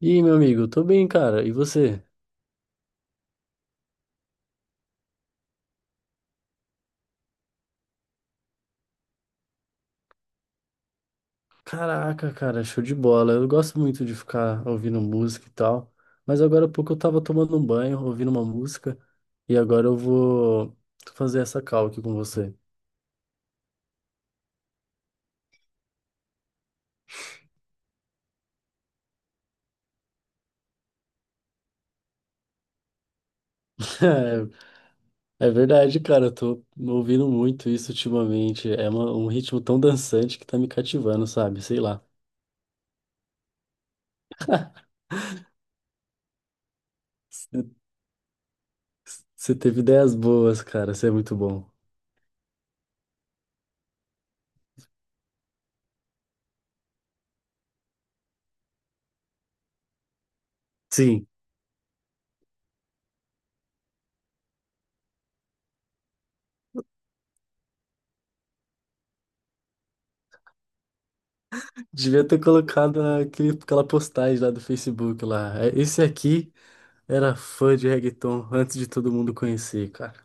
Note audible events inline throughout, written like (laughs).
E aí, meu amigo, tô bem, cara. E você? Caraca, cara, show de bola. Eu gosto muito de ficar ouvindo música e tal. Mas agora há pouco eu tava tomando um banho, ouvindo uma música. E agora eu vou fazer essa call aqui com você. (laughs) É, é verdade, cara. Eu tô ouvindo muito isso ultimamente. É um ritmo tão dançante que tá me cativando, sabe? Sei lá. Você teve ideias boas, cara. Você é muito bom. Sim. Devia ter colocado aquele, aquela postagem lá do Facebook lá. É, esse aqui. Era fã de reggaeton antes de todo mundo conhecer, cara.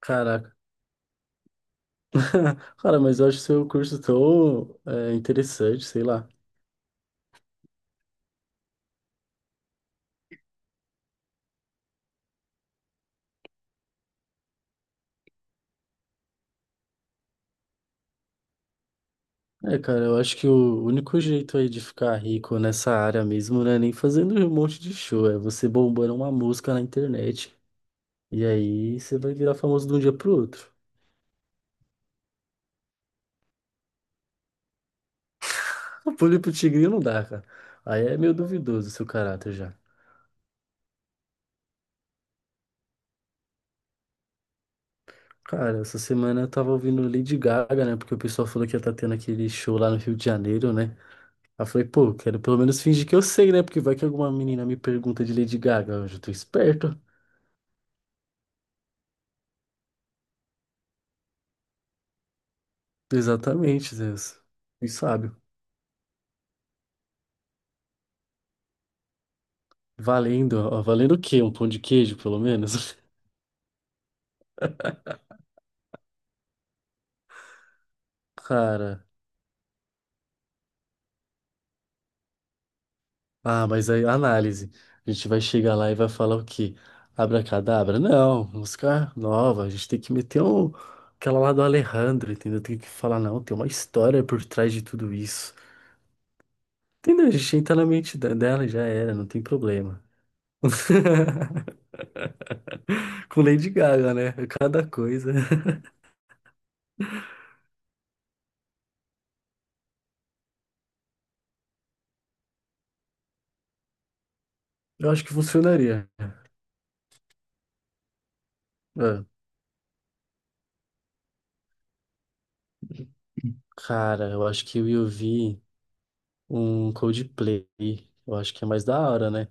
Caraca. (laughs) Cara, mas eu acho seu curso tão interessante, sei lá. É, cara, eu acho que o único jeito aí de ficar rico nessa área mesmo não é nem fazendo um monte de show, é você bombando uma música na internet. E aí você vai virar famoso de um dia pro outro. (laughs) O pulo pro tigrinho não dá, cara. Aí é meio duvidoso o seu caráter já. Cara, essa semana eu tava ouvindo Lady Gaga, né? Porque o pessoal falou que ia tá tendo aquele show lá no Rio de Janeiro, né? Aí eu falei, pô, eu quero pelo menos fingir que eu sei, né? Porque vai que alguma menina me pergunta de Lady Gaga. Eu já tô esperto. Exatamente, Zeus. E sábio. Valendo, ó, valendo o quê? Um pão de queijo, pelo menos? (laughs) Cara. Ah, mas aí, análise. A gente vai chegar lá e vai falar o quê? Abracadabra? Não, música nova. A gente tem que meter um... aquela lá do Alejandro, entendeu? Tem que falar, não, tem uma história por trás de tudo isso. Entendeu? A gente entra na mente dela e já era, não tem problema. (laughs) Com Lady Gaga, né? Cada coisa. (laughs) Eu acho que funcionaria. É. Cara, eu acho que eu ia ouvir um Coldplay. Eu acho que é mais da hora, né?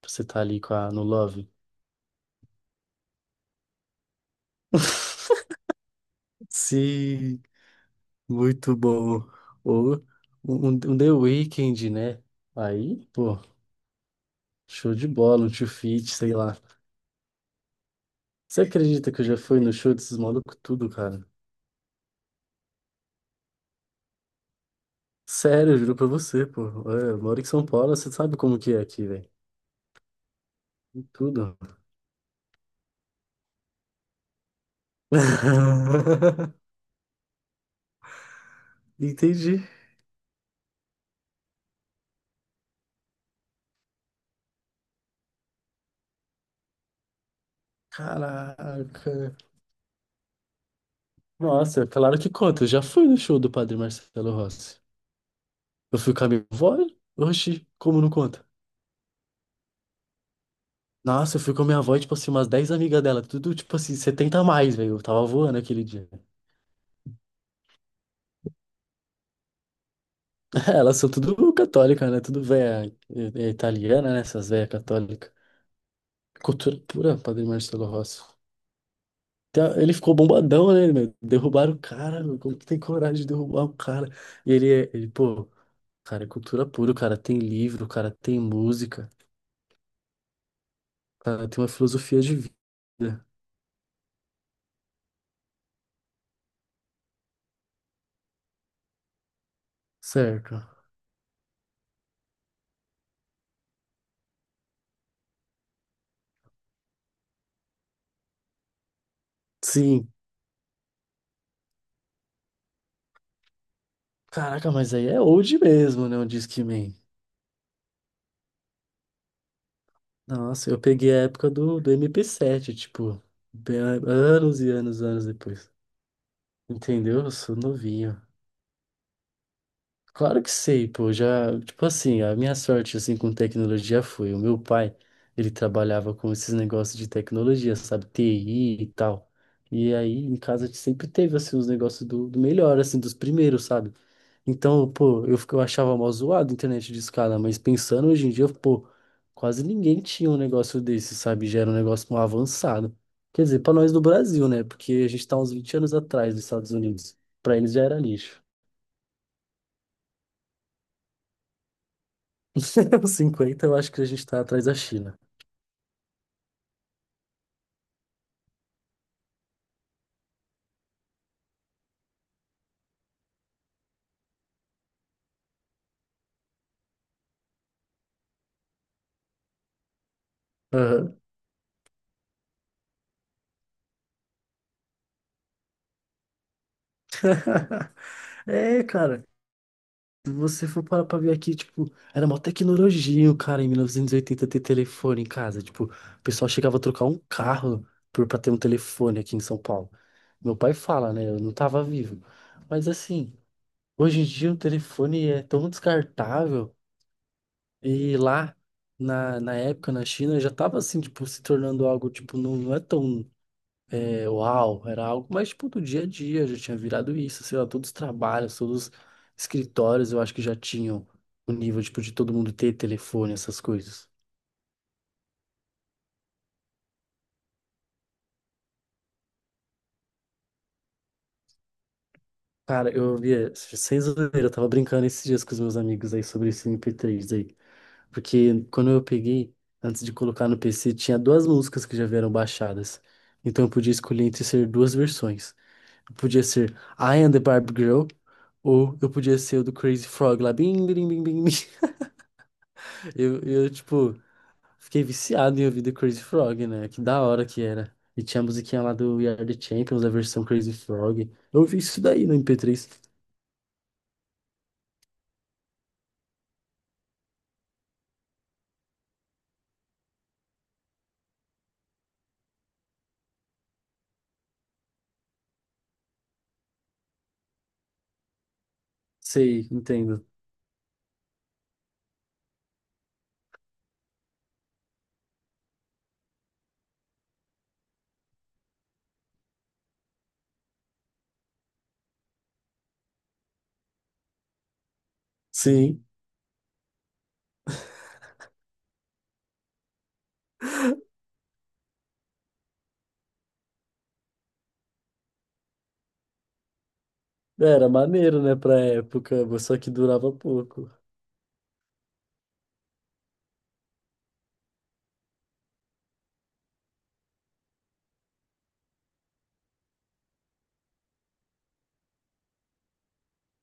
Pra você tá ali com a, no Love. (laughs) Sim, muito bom. Ou um The Weeknd, né? Aí, pô, show de bola, um Two Feet, sei lá. Você acredita que eu já fui no show desses malucos tudo, cara? Sério, eu juro pra você, pô. É, eu moro em São Paulo, você sabe como que é aqui, velho. Tudo. (laughs) Entendi. Caraca. Nossa, claro que conta. Eu já fui no show do Padre Marcelo Rossi. Eu fui com a minha avó. Oxi, como não conta? Nossa, eu fui com a minha avó e, tipo assim, umas 10 amigas dela. Tudo, tipo assim, 70 a mais, velho. Eu tava voando aquele dia. (laughs) Elas são tudo católicas, né? Tudo véia é italiana, né? Essas véias católicas. Cultura pura, Padre Marcelo Rossi. Então, ele ficou bombadão, né, meu? Derrubaram o cara, meu. Como que tem coragem de derrubar o cara? E ele, pô. Cara, é cultura pura, cara. Tem livro, cara, tem música, cara, tem uma filosofia de vida. Certo. Sim. Caraca, mas aí é old mesmo, né? O Disque Man. Nossa, eu peguei a época do MP7 tipo, bem- anos e anos, anos depois. Entendeu? Eu sou novinho. Claro que sei, pô, já, tipo assim, a minha sorte, assim, com tecnologia foi, o meu pai, ele trabalhava com esses negócios de tecnologia, sabe, TI e tal, e aí em casa a gente sempre teve, assim, os negócios do, do melhor, assim, dos primeiros, sabe, então, pô, eu achava mó zoado a internet de escada, mas pensando hoje em dia, pô, quase ninguém tinha um negócio desse, sabe, já era um negócio mó avançado, quer dizer, pra nós do Brasil, né, porque a gente tá uns 20 anos atrás dos Estados Unidos, pra eles já era lixo. (laughs) Os 50, eu acho que a gente tá atrás da China. Aham. (laughs) É, cara, se você for parar pra ver aqui, tipo, era mó tecnologia, o cara, em 1980 ter telefone em casa. Tipo, o pessoal chegava a trocar um carro por, pra ter um telefone aqui em São Paulo. Meu pai fala, né? Eu não tava vivo. Mas assim, hoje em dia o telefone é tão descartável e lá na época, na China, já tava assim, tipo, se tornando algo, tipo, não, não é tão. Uau, era algo mais tipo do dia a dia, já tinha virado isso, sei lá, todos os trabalhos, todos os escritórios, eu acho que já tinham o nível, tipo, de todo mundo ter telefone, essas coisas. Cara, eu via, sem zoeira, eu tava brincando esses dias com os meus amigos aí sobre esse MP3 aí, porque quando eu peguei, antes de colocar no PC, tinha duas músicas que já vieram baixadas, então eu podia escolher entre ser duas versões. Eu podia ser I Am the Barbie Girl, ou eu podia ser o do Crazy Frog lá, bim, bim, bim, bim, bim. Tipo, fiquei viciado em ouvir The Crazy Frog, né? Que da hora que era. E tinha a musiquinha lá do We Are The Champions, a versão Crazy Frog. Eu ouvi isso daí no MP3. Sei, entendo. Sim, era maneiro, né, pra época, mas só que durava pouco.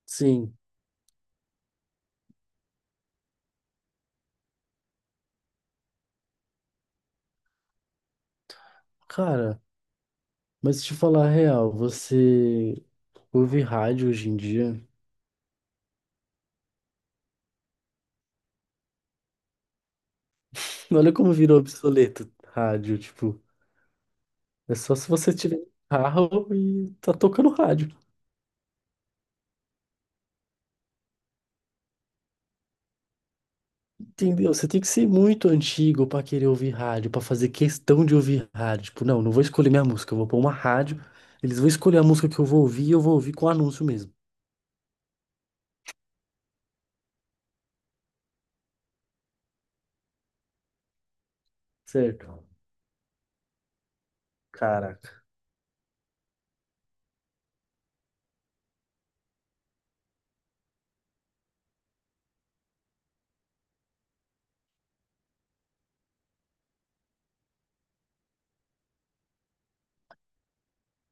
Sim, cara, mas te falar a real, você ouve rádio hoje em dia? (laughs) Olha como virou obsoleto rádio, tipo, é só se você tiver carro e tá tocando rádio. Entendeu? Você tem que ser muito antigo pra querer ouvir rádio, pra fazer questão de ouvir rádio. Tipo, não, não vou escolher minha música, eu vou pôr uma rádio, eles vão escolher a música que eu vou ouvir e eu vou ouvir com anúncio mesmo. Certo. Caraca.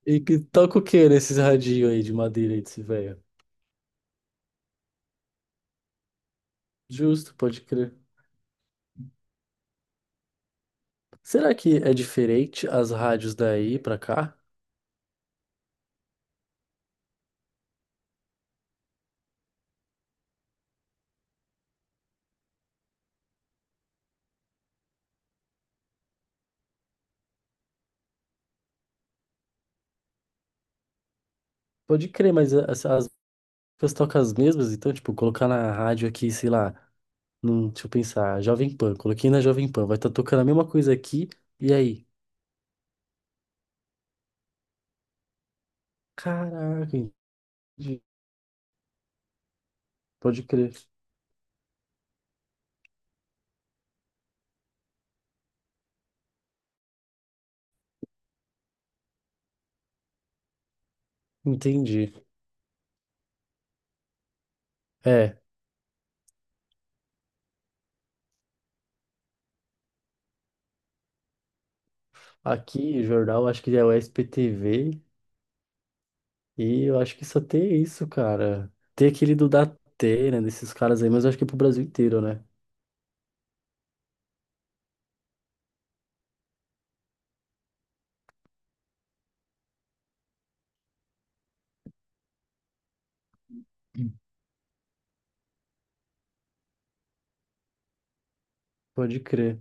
E que toca o que nesses radinhos aí de madeira aí desse velho? Justo, pode crer. Será que é diferente as rádios daí pra cá? Pode crer, mas as músicas tocam as mesmas, então, tipo, colocar na rádio aqui, sei lá, num, deixa eu pensar, Jovem Pan, coloquei na Jovem Pan, vai estar tocando a mesma coisa aqui, e aí? Caraca, entendi. Pode crer. Entendi. É, aqui, jornal, acho que é o SPTV e eu acho que só tem isso, cara. Tem aquele do Datena, desses caras aí, mas eu acho que é pro Brasil inteiro, né? Hum. Pode crer.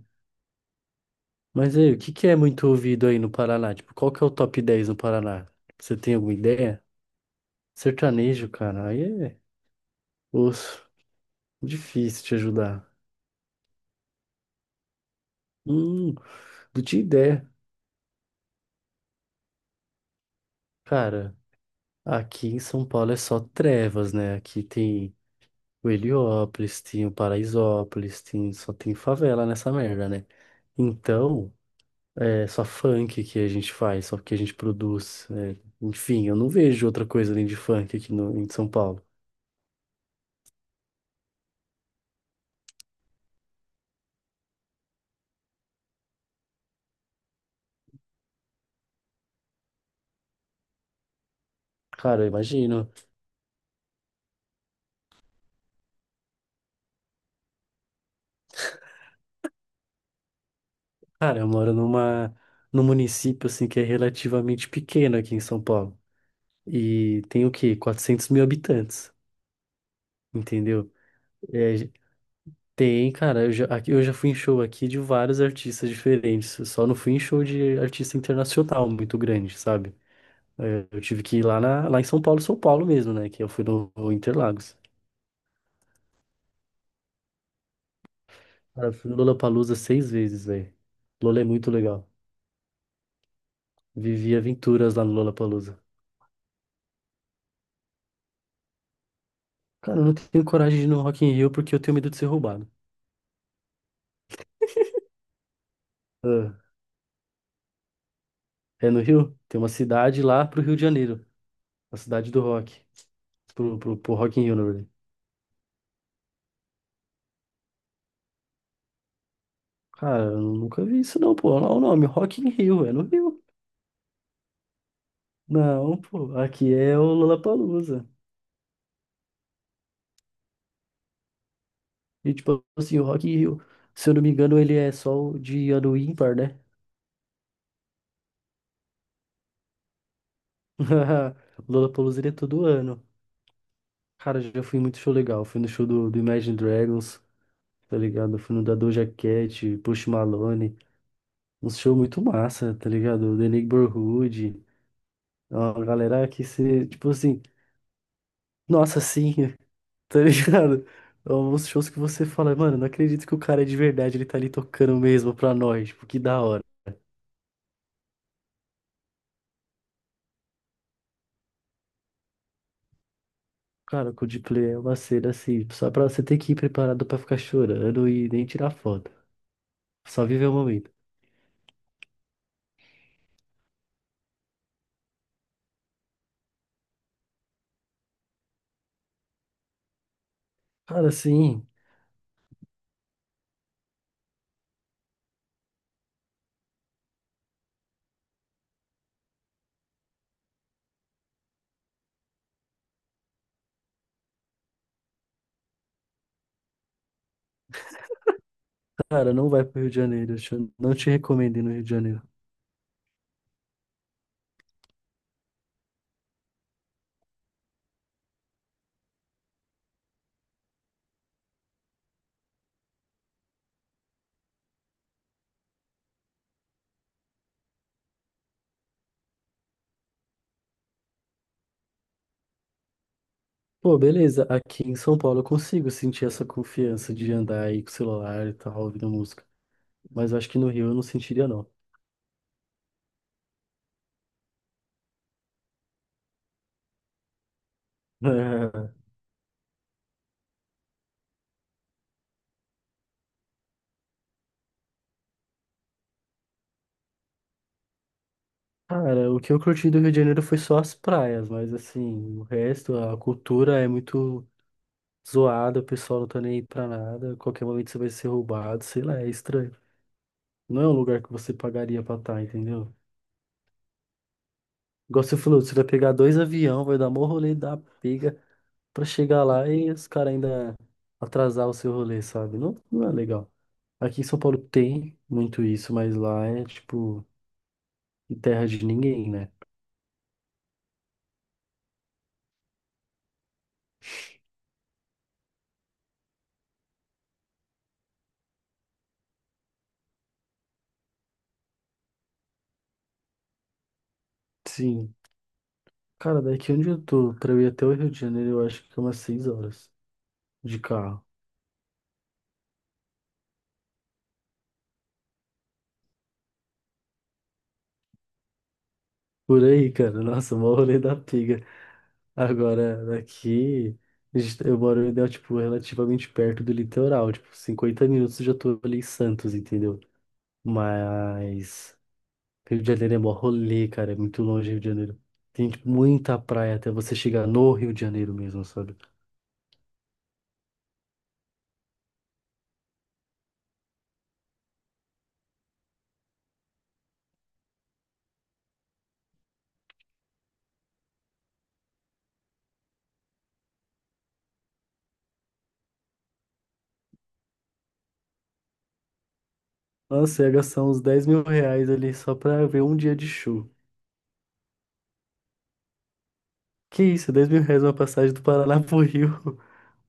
Mas aí, o que que é muito ouvido aí no Paraná? Tipo, qual que é o top 10 no Paraná? Você tem alguma ideia? Sertanejo, cara. Aí é osso. Difícil te ajudar. Hum, não tinha ideia. Cara, aqui em São Paulo é só trevas, né? Aqui tem o Heliópolis, tinha o Paraisópolis, tinha, só tem favela nessa merda, né? Então, é só funk que a gente faz, só que a gente produz. Enfim, eu não vejo outra coisa além de funk aqui no, em São Paulo. Cara, eu imagino. Cara, eu moro numa, num município assim que é relativamente pequeno aqui em São Paulo. E tem o quê? 400.000 habitantes, entendeu? É, tem, cara, eu já, eu já fui em show aqui de vários artistas diferentes. Eu só não fui em show de artista internacional muito grande, sabe? É, eu tive que ir lá, na, lá em São Paulo, São Paulo mesmo, né? Que eu fui no Interlagos. Cara, eu fui no Lollapalooza seis vezes, velho. Lola é muito legal. Vivi aventuras lá no Lollapalooza. Cara, eu não tenho coragem de ir no Rock in Rio porque eu tenho medo de ser roubado. Ah, é no Rio? Tem uma cidade lá pro Rio de Janeiro. A cidade do rock. Pro Rock in Rio, na verdade. Cara, eu nunca vi isso não, pô. Olha o nome, Rock in Rio, é no Rio. Não, pô, aqui é o Lollapalooza. E tipo assim, o Rock in Rio, se eu não me engano, ele é só o de ano ímpar, né? (laughs) O Lollapalooza ele é todo ano. Cara, já fui em muito show legal. Fui no show do Imagine Dragons, tá ligado? Fui no da Doja Cat, Post Malone. Um show muito massa, tá ligado? The Neighborhood. É uma galera que se, tipo assim, nossa, sim, tá ligado? Alguns shows que você fala, mano, não acredito que o cara é de verdade, ele tá ali tocando mesmo pra nós, tipo, que da hora. Cara, o Coldplay é uma cena assim, só pra você ter que ir preparado pra ficar chorando e nem tirar foto, só viver o momento. Cara, sim. Cara, não vai pro Rio de Janeiro, eu não te recomendo ir no Rio de Janeiro. Pô, beleza, aqui em São Paulo eu consigo sentir essa confiança de andar aí com o celular e tal, ouvindo música, mas eu acho que no Rio eu não sentiria não. (laughs) Cara, o que eu curti do Rio de Janeiro foi só as praias, mas assim, o resto, a cultura é muito zoada, o pessoal não tá nem aí pra nada, a qualquer momento você vai ser roubado, sei lá, é estranho. Não é um lugar que você pagaria pra estar, entendeu? Igual você falou, você vai pegar dois avião, vai dar mó rolê da pega pra chegar lá e os caras ainda atrasar o seu rolê, sabe? Não, não é legal. Aqui em São Paulo tem muito isso, mas lá é tipo terra de ninguém, né? Sim. Cara, daqui onde eu tô, pra eu ir até o Rio de Janeiro, eu acho que é umas 6 horas de carro. Por aí, cara. Nossa, mó rolê da pega. Agora, daqui, eu moro, né, tipo, relativamente perto do litoral. Tipo, 50 minutos eu já tô ali em Santos, entendeu? Mas Rio de Janeiro é mó rolê, cara. É muito longe Rio de Janeiro. Tem, tipo, muita praia até você chegar no Rio de Janeiro mesmo, sabe? Nossa, eu ia gastar uns R$ 10.000 ali só pra ver um dia de show. Que isso, R$ 10.000 uma passagem do Paraná pro Rio.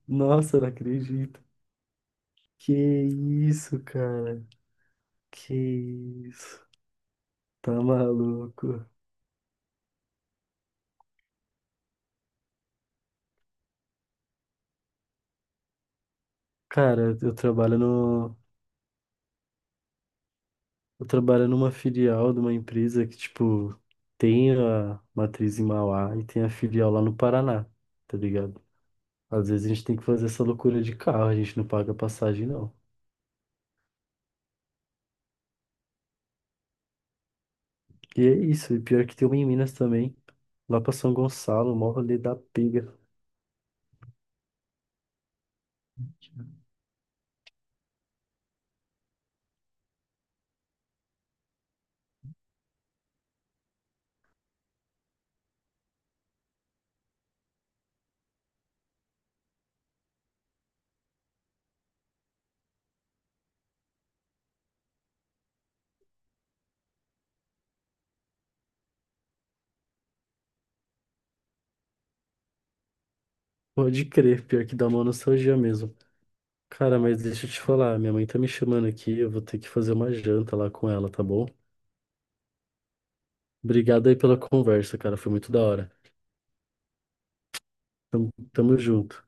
Nossa, não acredito. Que isso, cara? Que isso? Tá maluco? Cara, eu trabalho no, eu trabalho numa filial de uma empresa que, tipo, tem a matriz em Mauá e tem a filial lá no Paraná, tá ligado? Às vezes a gente tem que fazer essa loucura de carro, a gente não paga passagem, não. E é isso, e pior que tem uma em Minas também, lá pra São Gonçalo, mó rolê da pega. Pode crer, pior que dá uma nostalgia mesmo. Cara, mas deixa eu te falar, minha mãe tá me chamando aqui, eu vou ter que fazer uma janta lá com ela, tá bom? Obrigado aí pela conversa, cara, foi muito da hora. Tamo, tamo junto.